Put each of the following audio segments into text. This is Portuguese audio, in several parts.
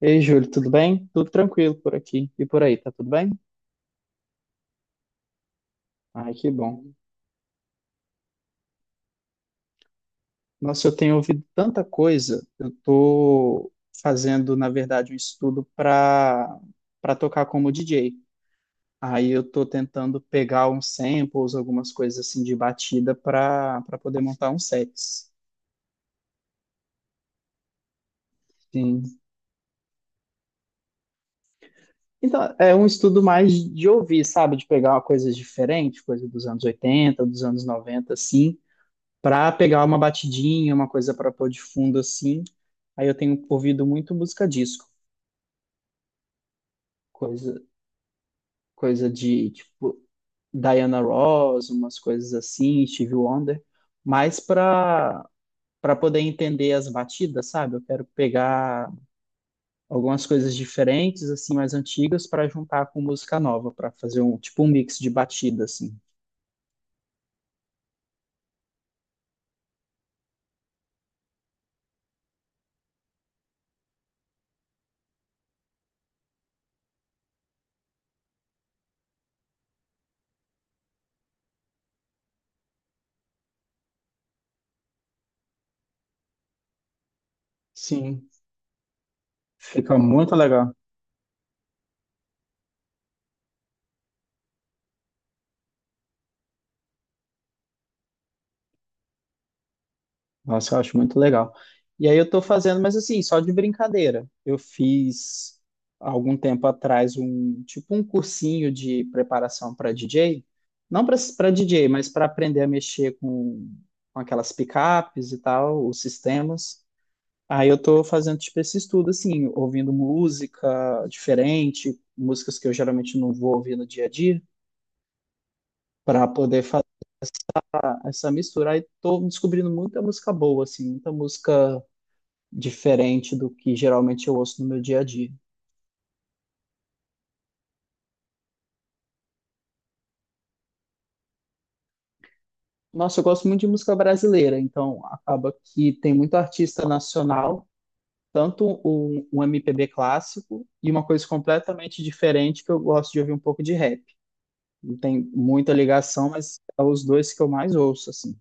Ei, Júlio, tudo bem? Tudo tranquilo por aqui e por aí, tá tudo bem? Ai, que bom. Nossa, eu tenho ouvido tanta coisa. Eu tô fazendo, na verdade, um estudo para tocar como DJ. Aí eu tô tentando pegar uns samples, algumas coisas assim de batida para poder montar uns sets. Sim. Então, é um estudo mais de ouvir, sabe? De pegar coisas diferentes, coisa dos anos 80, dos anos 90, assim para pegar uma batidinha, uma coisa para pôr de fundo assim. Aí eu tenho ouvido muito música disco, coisa coisa de tipo Diana Ross, umas coisas assim, Stevie Wonder, mas para poder entender as batidas, sabe? Eu quero pegar algumas coisas diferentes assim, mais antigas para juntar com música nova, para fazer um tipo um mix de batida assim. Sim, fica muito legal. Nossa, eu acho muito legal. E aí eu tô fazendo, mas assim, só de brincadeira. Eu fiz há algum tempo atrás um tipo um cursinho de preparação para DJ, não para DJ, mas para aprender a mexer com aquelas picapes e tal, os sistemas. Aí eu tô fazendo tipo esse estudo assim, ouvindo música diferente, músicas que eu geralmente não vou ouvir no dia a dia, para poder fazer essa mistura. Aí tô descobrindo muita música boa assim, muita música diferente do que geralmente eu ouço no meu dia a dia. Nossa, eu gosto muito de música brasileira, então acaba que tem muito artista nacional, tanto um MPB clássico e uma coisa completamente diferente que eu gosto de ouvir um pouco de rap. Não tem muita ligação, mas é os dois que eu mais ouço, assim.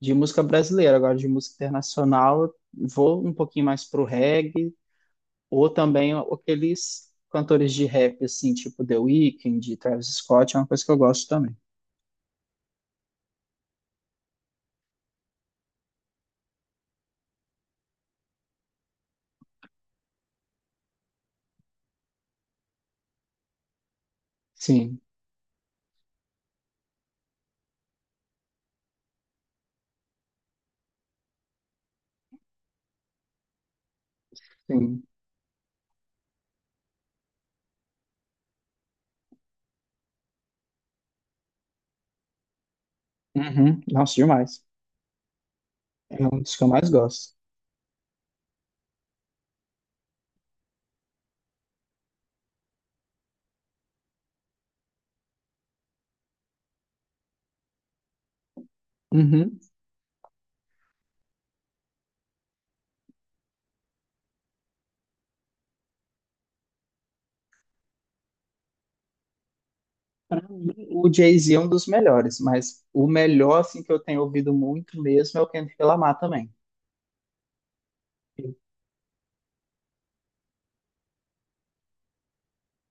De música brasileira, agora de música internacional, eu vou um pouquinho mais pro reggae, ou também aqueles cantores de rap, assim, tipo The Weeknd, Travis Scott, é uma coisa que eu gosto também. Sim. Sim. Uhum. Nossa, demais. É um dos que eu mais gosto. Uhum. Pra mim, o Jay-Z é um dos melhores, mas o melhor, assim, que eu tenho ouvido muito mesmo é o Kendrick Lamar também.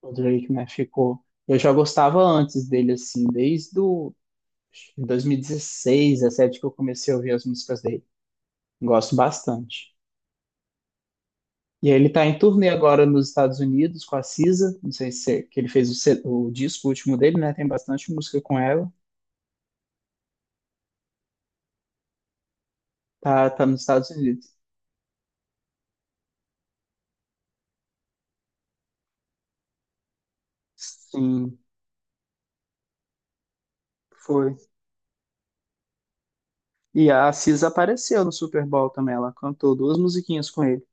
O Drake, né, ficou. Eu já gostava antes dele, assim, desde o acho que 2016, 2017, que eu comecei a ouvir as músicas dele. Gosto bastante. E ele tá em turnê agora nos Estados Unidos com a SZA, não sei se é- que ele fez o, se- o disco último dele, né, tem bastante música com ela. Tá, tá nos Estados Unidos. Sim, foi. E a Assis apareceu no Super Bowl também. Ela cantou duas musiquinhas com ele.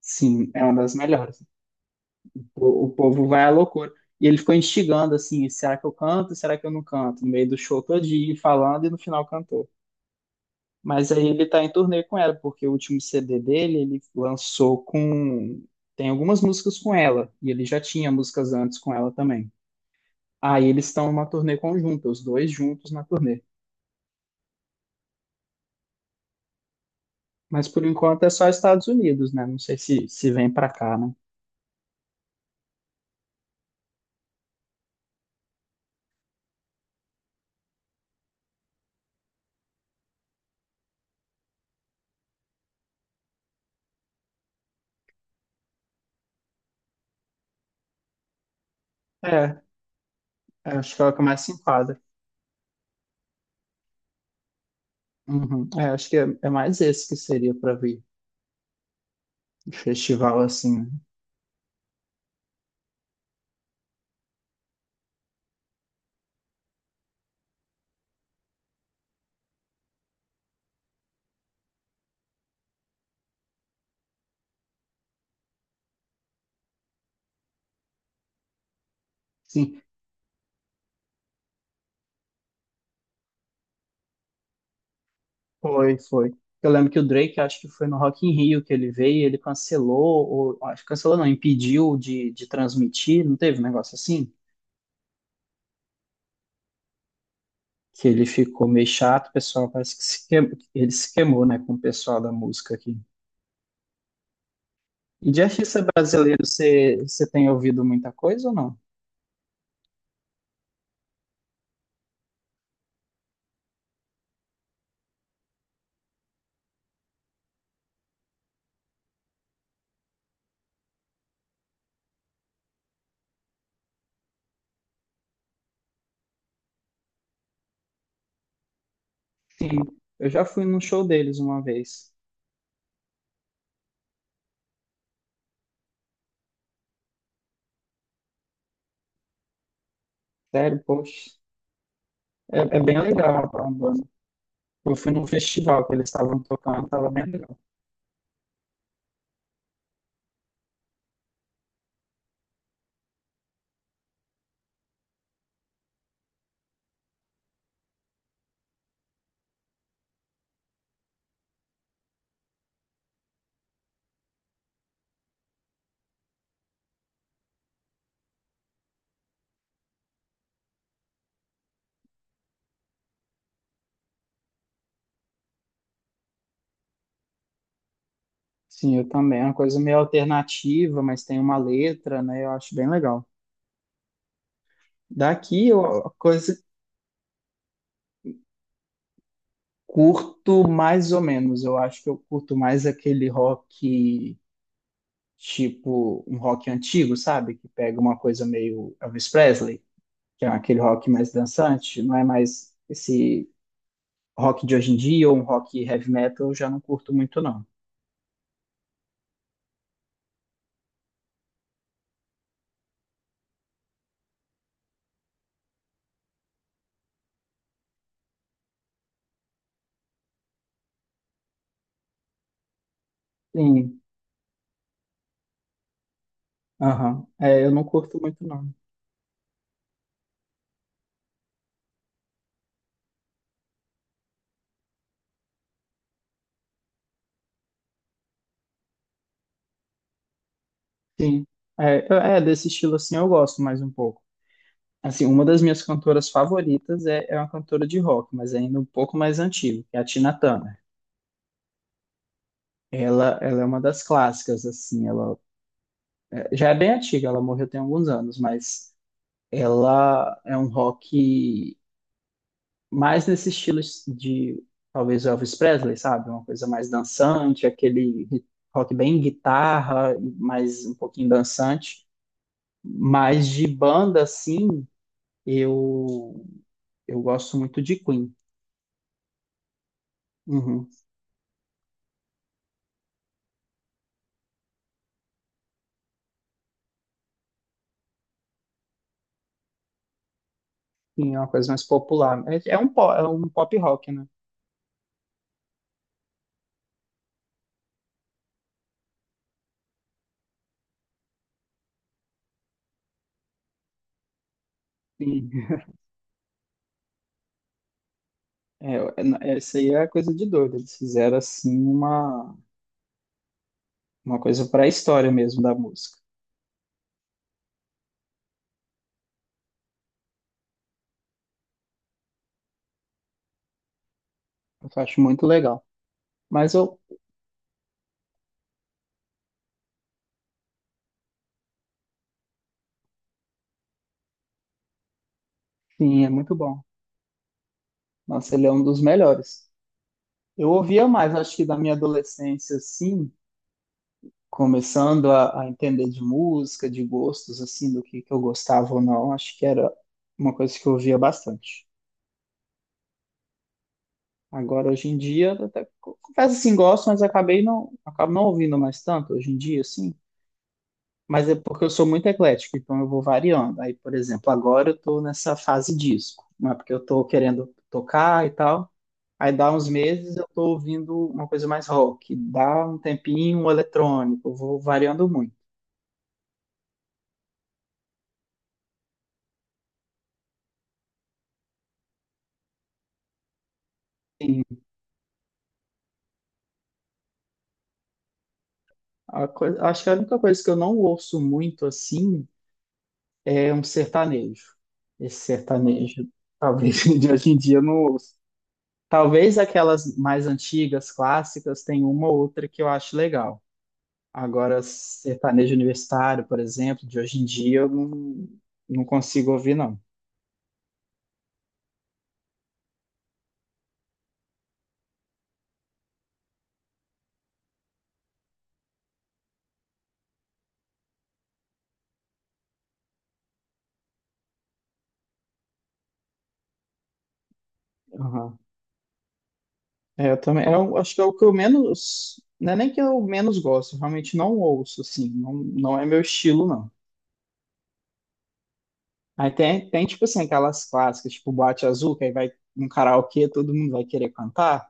Sim, é uma das melhores. O povo vai à loucura. E ele ficou instigando assim: será que eu canto? Será que eu não canto? No meio do show todinho, falando e no final cantou. Mas aí ele tá em turnê com ela, porque o último CD dele ele lançou com. Tem algumas músicas com ela. E ele já tinha músicas antes com ela também. Aí eles estão numa turnê conjunta, os dois juntos na turnê. Mas por enquanto é só Estados Unidos, né? Não sei se vem pra cá, né? É, é, acho que é o que mais se enquadra. Uhum. É, acho que é mais esse que seria pra vir. Um festival assim, né? Sim, foi, foi. Eu lembro que o Drake, acho que foi no Rock in Rio que ele veio, e ele cancelou, ou acho que cancelou não, impediu de transmitir, não teve um negócio assim? Que ele ficou meio chato, o pessoal parece que se queimou, ele se queimou, né, com o pessoal da música aqui. E de artista brasileiro, você tem ouvido muita coisa ou não? Sim, eu já fui num show deles uma vez. Sério, poxa, é, é bem legal a banda. Eu fui num festival que eles estavam tocando, estava bem legal. Sim, eu também. É uma coisa meio alternativa, mas tem uma letra, né? Eu acho bem legal. Daqui, eu a coisa curto mais ou menos. Eu acho que eu curto mais aquele rock, tipo um rock antigo, sabe? Que pega uma coisa meio Elvis Presley, que é aquele rock mais dançante, não é mais esse rock de hoje em dia ou um rock heavy metal, eu já não curto muito, não. Sim, aham. É, eu não curto muito, não. Sim. É, é, desse estilo assim eu gosto mais um pouco. Assim, uma das minhas cantoras favoritas é uma cantora de rock, mas é ainda um pouco mais antiga, que é a Tina Turner. Ela é uma das clássicas, assim, ela é, já é bem antiga, ela morreu tem alguns anos, mas ela é um rock mais nesse estilo de talvez Elvis Presley, sabe? Uma coisa mais dançante, aquele rock bem guitarra, mais um pouquinho dançante. Mas de banda, assim, eu, eu gosto muito de Queen. Uhum. Sim, é uma coisa mais popular. É, é um pop rock, né? Sim. É, essa aí é coisa de doido. Eles fizeram, assim, uma coisa para a história mesmo da música. Eu acho muito legal. Mas eu, sim, é muito bom. Nossa, ele é um dos melhores. Eu ouvia mais, acho que da minha adolescência, assim, começando a entender de música, de gostos, assim, do que eu gostava ou não, acho que era uma coisa que eu ouvia bastante. Agora, hoje em dia, eu até confesso assim, gosto, mas acabei não, acabo não ouvindo mais tanto hoje em dia, assim. Mas é porque eu sou muito eclético, então eu vou variando. Aí, por exemplo, agora eu tô nessa fase disco, não é porque eu tô querendo tocar e tal. Aí dá uns meses eu tô ouvindo uma coisa mais rock, dá um tempinho um eletrônico, eu vou variando muito. Sim, acho que a única coisa que eu não ouço muito assim é um sertanejo. Esse sertanejo, talvez de hoje em dia, eu não ouço. Talvez aquelas mais antigas, clássicas, tem uma ou outra que eu acho legal. Agora, sertanejo universitário, por exemplo, de hoje em dia eu não consigo ouvir, não. É, eu também. É, eu acho que é o que eu menos, não é nem que eu menos gosto, eu realmente não ouço, assim, não, não é meu estilo, não. Aí tem, tipo assim, aquelas clássicas, tipo Boate Azul, que aí vai num karaokê, todo mundo vai querer cantar,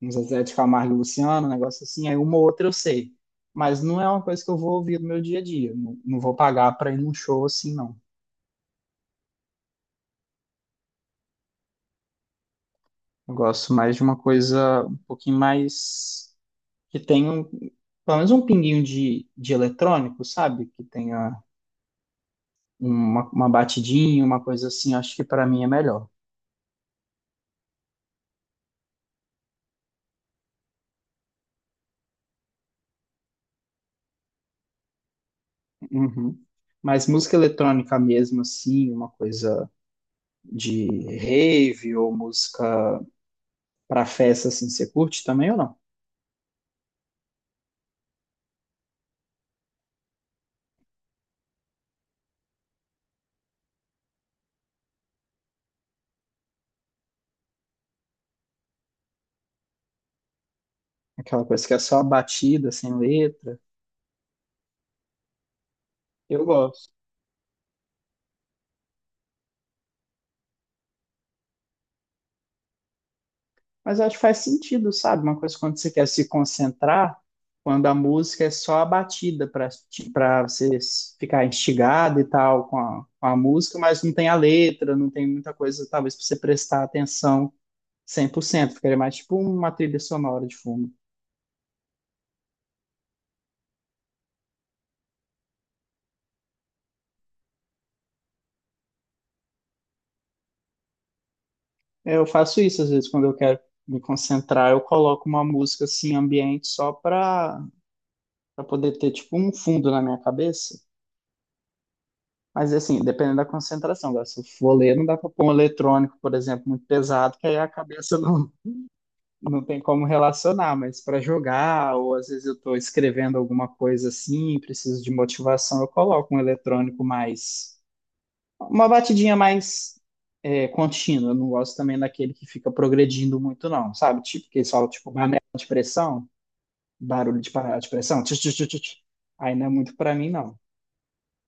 uns Zezé de Camargo e Luciano, um negócio assim, aí uma ou outra eu sei. Mas não é uma coisa que eu vou ouvir no meu dia a dia, não, não vou pagar pra ir num show assim, não. Eu gosto mais de uma coisa um pouquinho mais, que tenha, um- pelo menos um pinguinho de eletrônico, sabe? Que tenha uma batidinha, uma coisa assim, acho que para mim é melhor. Uhum. Mas música eletrônica mesmo, assim, uma coisa de rave ou música para festa, assim, você curte também ou não? Aquela coisa que é só batida, sem letra. Eu gosto. Mas acho que faz sentido, sabe? Uma coisa quando você quer se concentrar, quando a música é só a batida para você ficar instigado e tal com a música, mas não tem a letra, não tem muita coisa, talvez, para você prestar atenção 100%, ficaria mais tipo uma trilha sonora de fundo. Eu faço isso às vezes quando eu quero me concentrar, eu coloco uma música assim ambiente só para poder ter tipo um fundo na minha cabeça. Mas assim, dependendo da concentração, agora, se eu for ler, não dá para pôr um eletrônico, por exemplo, muito pesado, que aí a cabeça não tem como relacionar, mas para jogar, ou às vezes eu estou escrevendo alguma coisa assim, preciso de motivação, eu coloco um eletrônico mais. Uma batidinha mais é, contínua. Eu não gosto também daquele que fica progredindo muito, não, sabe? Tipo, que eles falam, tipo, panela de pressão, barulho de panela de pressão. Tch, tch, tch, tch, tch. Aí não é muito pra mim, não.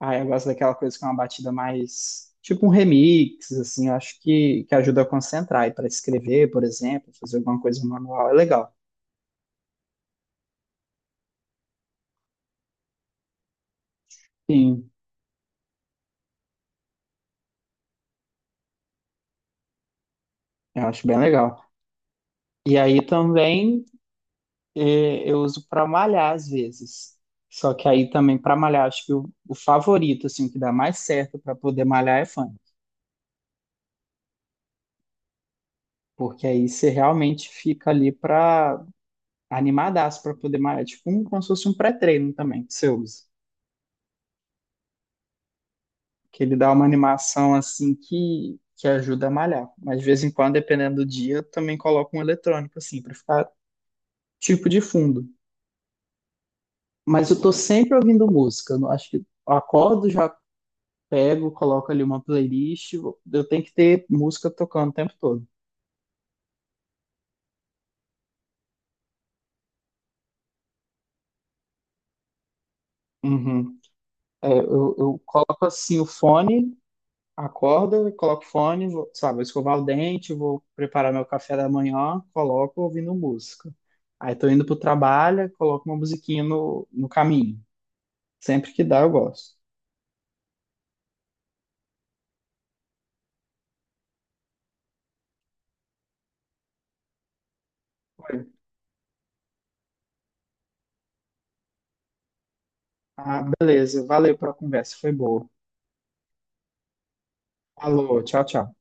Aí eu gosto daquela coisa que é uma batida mais. Tipo um remix, assim, eu acho que ajuda a concentrar. E para escrever, por exemplo, fazer alguma coisa manual é legal. Sim, eu acho bem legal. E aí também. É, eu uso para malhar às vezes. Só que aí também para malhar, acho que o favorito, assim, que dá mais certo para poder malhar é funk. Porque aí você realmente fica ali para animadaço para poder malhar. É. Tipo, um, como se fosse um pré-treino também que você usa. Que ele dá uma animação assim que ajuda a malhar. Mas de vez em quando, dependendo do dia, eu também coloco um eletrônico assim, para ficar tipo de fundo. Mas eu tô sempre ouvindo música. Eu não acho que eu acordo já pego, coloco ali uma playlist. Eu tenho que ter música tocando o tempo todo. Uhum. É, eu coloco assim o fone, acordo, coloco o fone, vou, sei lá, vou escovar o dente, vou preparar meu café da manhã, coloco ouvindo música. Aí tô indo pro trabalho, coloco uma musiquinha no caminho. Sempre que dá, eu gosto. Foi. Ah, beleza. Valeu pela conversa, foi boa. Alô, tchau, tchau.